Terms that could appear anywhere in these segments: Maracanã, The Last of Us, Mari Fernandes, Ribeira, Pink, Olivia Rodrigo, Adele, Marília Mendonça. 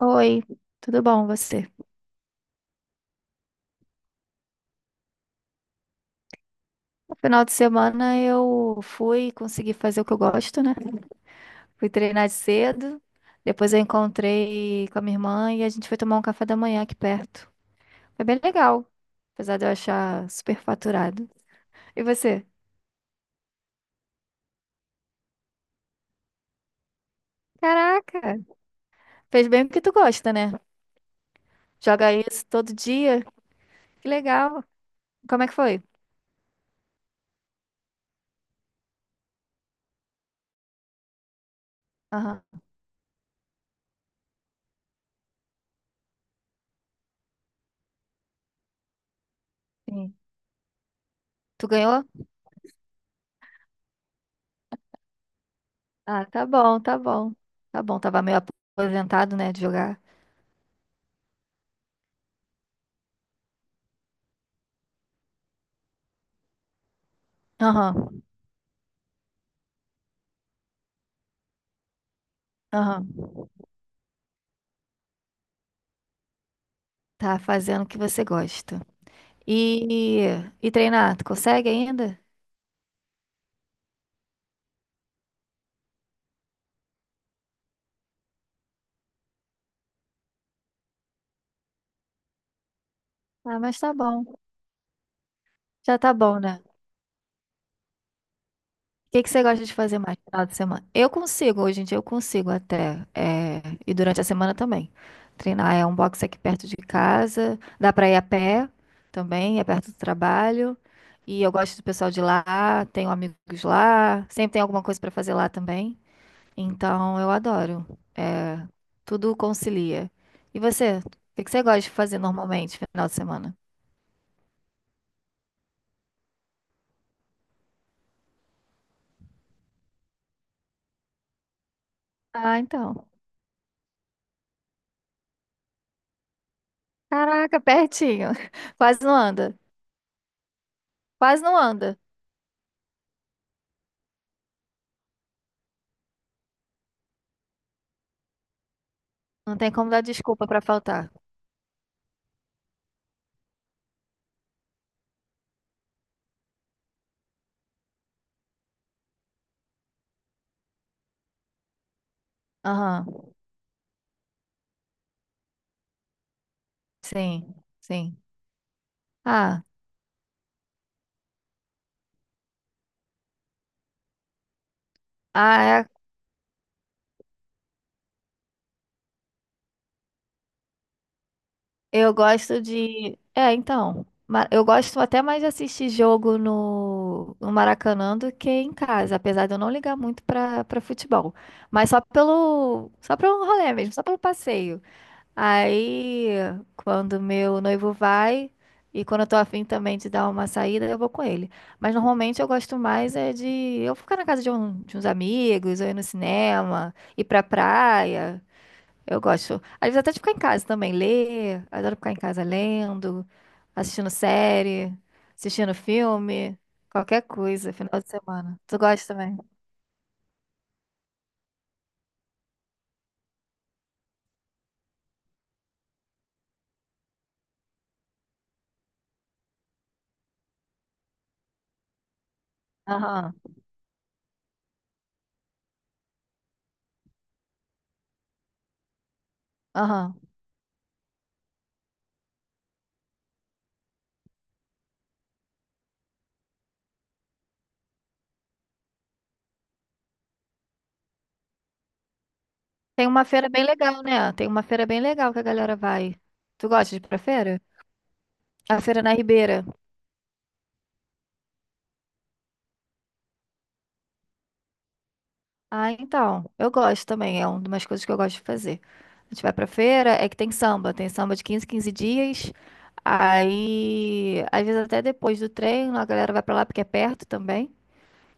Oi, tudo bom você? No final de semana eu fui conseguir fazer o que eu gosto, né? Fui treinar de cedo, depois eu encontrei com a minha irmã e a gente foi tomar um café da manhã aqui perto. Foi bem legal, apesar de eu achar super faturado. E você? Caraca, fez bem porque tu gosta, né? Joga isso todo dia, que legal. Como é que foi? Aham, sim. Tu ganhou? Ah, tá bom, tá bom. Tá bom, tava meio aposentado, né, de jogar. Aham, aham. Tá fazendo o que você gosta. E, e treinar, tu consegue ainda? Ah, mas tá bom. Já tá bom, né? O que que você gosta de fazer mais no final de semana? Eu consigo, hoje em dia eu consigo até. É, e durante a semana também. Treinar é um box aqui perto de casa. Dá pra ir a pé também, é perto do trabalho. E eu gosto do pessoal de lá, tenho amigos lá. Sempre tem alguma coisa pra fazer lá também. Então, eu adoro. É, tudo concilia. E você? O que que você gosta de fazer normalmente, no final de semana? Ah, então. Caraca, pertinho. Quase não anda. Quase não anda. Não tem como dar desculpa pra faltar. Aham. Sim, sim. Ah, ah, é. Eu gosto de. É, então. Eu gosto até mais de assistir jogo no Maracanã do que em casa, apesar de eu não ligar muito pra para futebol. Mas só pelo. Só pra um rolê mesmo, só pelo passeio. Aí, quando meu noivo vai, e quando eu tô afim também de dar uma saída, eu vou com ele. Mas normalmente eu gosto mais é de eu ficar na casa de uns amigos, ou ir no cinema, ir pra praia. Eu gosto. Às vezes até de ficar em casa também, ler. Adoro ficar em casa lendo, assistindo série, assistindo filme, qualquer coisa, final de semana. Tu gosta também? Aham, aham. Tem uma feira bem legal, né? Tem uma feira bem legal que a galera vai. Tu gosta de ir pra feira? A feira na Ribeira. Ah, então, eu gosto também, é uma das coisas que eu gosto de fazer. A gente vai pra feira, é que tem samba de quinze dias. Aí, às vezes até depois do treino, a galera vai pra lá porque é perto também.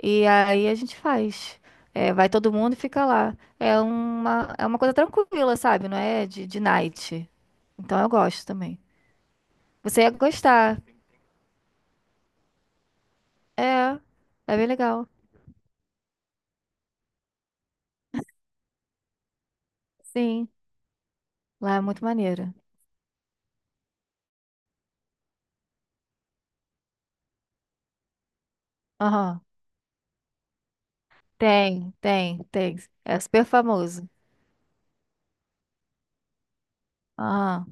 E aí a gente faz. É, vai todo mundo e fica lá. É uma coisa tranquila, sabe? Não é de night. Então eu gosto também. Você ia gostar. É, é bem legal. Sim, lá é muito maneiro. Aham. Tem, tem, tem. É super famoso. Ah,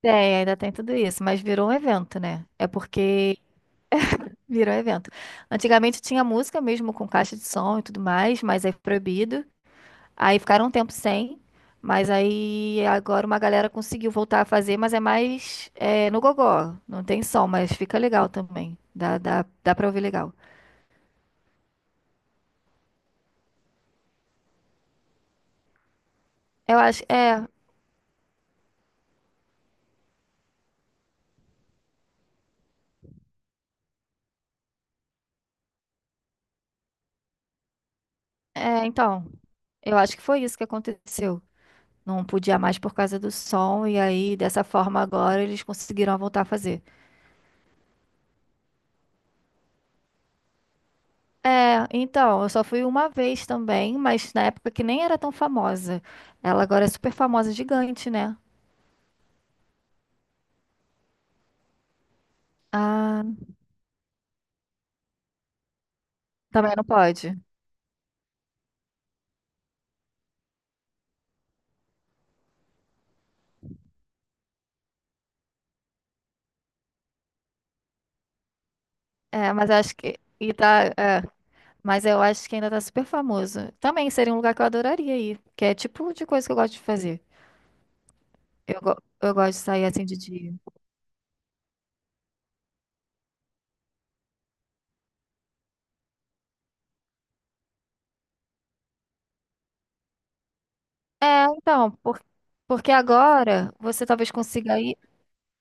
tem, ainda tem tudo isso, mas virou um evento, né? É porque virou um evento. Antigamente tinha música mesmo com caixa de som e tudo mais, mas aí foi proibido. Aí ficaram um tempo sem, mas aí agora uma galera conseguiu voltar a fazer, mas é mais é, no gogó. Não tem som, mas fica legal também. Dá pra ouvir legal. Eu acho, então, eu acho que foi isso que aconteceu. Não podia mais por causa do som, e aí dessa forma agora eles conseguiram voltar a fazer. É, então, eu só fui uma vez também, mas na época que nem era tão famosa. Ela agora é super famosa, gigante, né? Ah, também não pode. É, mas acho que. E tá, é, mas eu acho que ainda tá super famoso. Também seria um lugar que eu adoraria ir, que é tipo de coisa que eu gosto de fazer. Eu, go- eu gosto de sair assim de dia. É, então, porque agora você talvez consiga ir.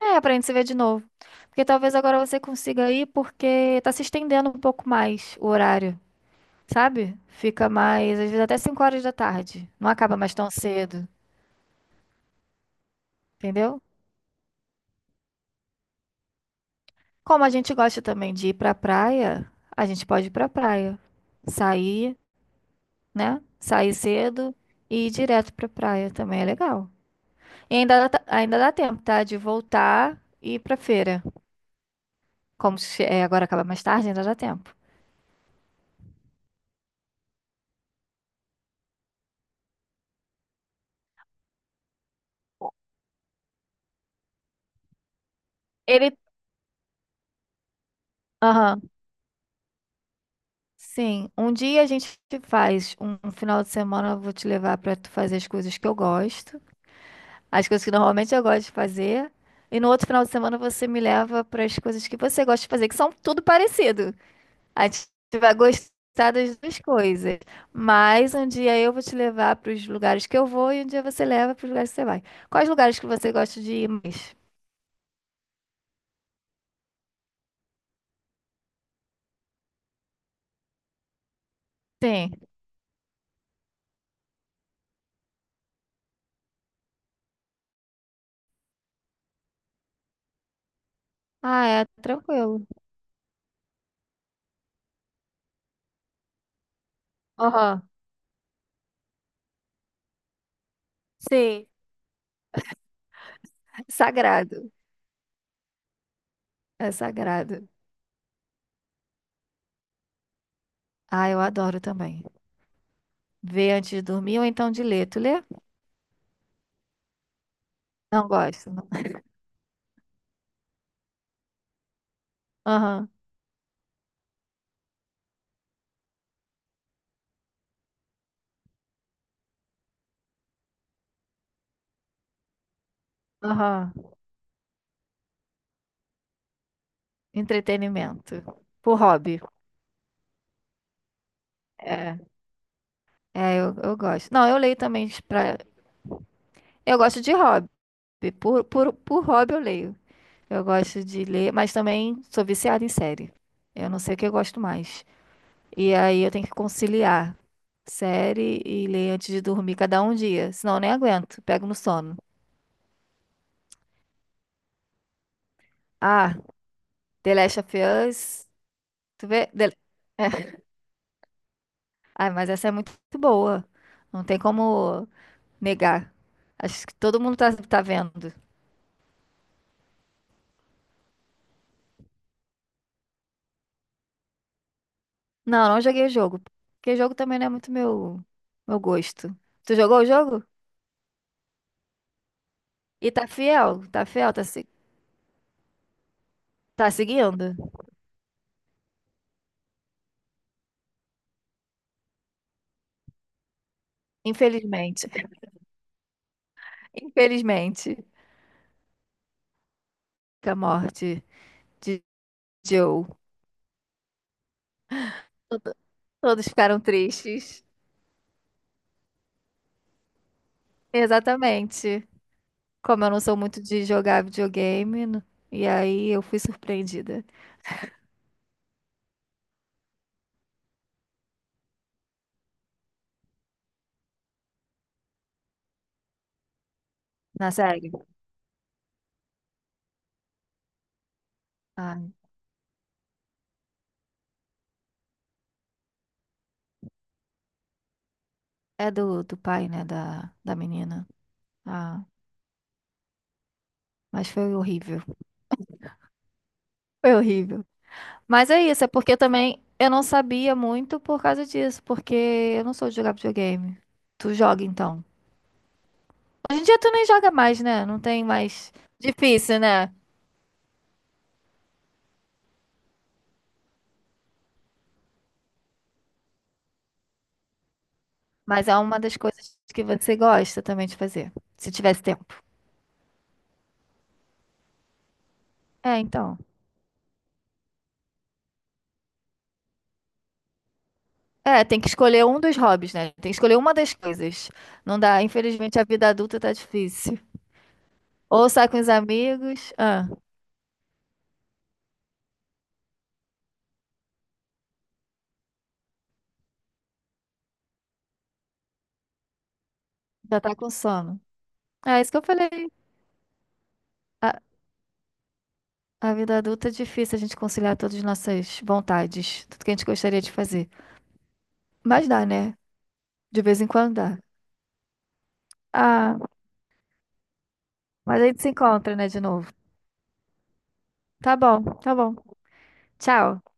É, pra gente se ver de novo. Porque talvez agora você consiga ir porque tá se estendendo um pouco mais o horário. Sabe? Fica mais, às vezes até 5 horas da tarde. Não acaba mais tão cedo, entendeu? Como a gente gosta também de ir pra praia, a gente pode ir pra praia. Sair, né? Sair cedo e ir direto pra praia também é legal. E ainda dá tempo, tá? De voltar e ir pra feira. Como se- é, agora acaba mais tarde, ainda dá tempo. Ele. Aham. Sim, um dia a gente faz um final de semana, eu vou te levar pra tu fazer as coisas que eu gosto. As coisas que normalmente eu gosto de fazer. E no outro final de semana você me leva para as coisas que você gosta de fazer, que são tudo parecido. A gente vai gostar das duas coisas. Mas um dia eu vou te levar para os lugares que eu vou e um dia você leva para os lugares que você vai. Quais lugares que você gosta de ir mais? Sim. Ah, é tranquilo. Aham. Sim. Sagrado. É sagrado. Ah, eu adoro também. Ver antes de dormir ou então de ler. Tu lê? Não gosto, não. Aham. Aham. Entretenimento. Por hobby. É, é, eu gosto. Não, eu leio também pra... Eu gosto de hobby. Por hobby eu leio. Eu gosto de ler, mas também sou viciada em série. Eu não sei o que eu gosto mais. E aí eu tenho que conciliar série e ler antes de dormir cada um dia. Senão eu nem aguento. Pego no sono. Ah, The Last of Us. Tu vê? Ai, mas essa é muito boa. Não tem como negar. Acho que todo mundo tá vendo. Não, não joguei o jogo. Porque jogo também não é muito meu gosto. Tu jogou o jogo? E tá fiel? Tá fiel? Tá, se- tá seguindo? Infelizmente. Infelizmente. Com a morte de Joe. Todo- Todos ficaram tristes. Exatamente. Como eu não sou muito de jogar videogame, e aí eu fui surpreendida. Na série? Ah, é do pai, né? Da menina. Ah, mas foi horrível. Foi horrível. Mas é isso, é porque também eu não sabia muito por causa disso, porque eu não sou de jogar videogame. Tu joga então. Hoje em dia tu nem joga mais, né? Não tem mais. Difícil, né? Mas é uma das coisas que você gosta também de fazer, se tivesse tempo. É, então. É, tem que escolher um dos hobbies, né? Tem que escolher uma das coisas. Não dá, infelizmente a vida adulta tá difícil. Ou sai com os amigos, ah, já tá com sono. É isso que eu falei. Ah, a vida adulta é difícil a gente conciliar todas as nossas vontades, tudo que a gente gostaria de fazer. Mas dá, né? De vez em quando dá. Ah, mas a gente se encontra, né, de novo. Tá bom, tá bom. Tchau.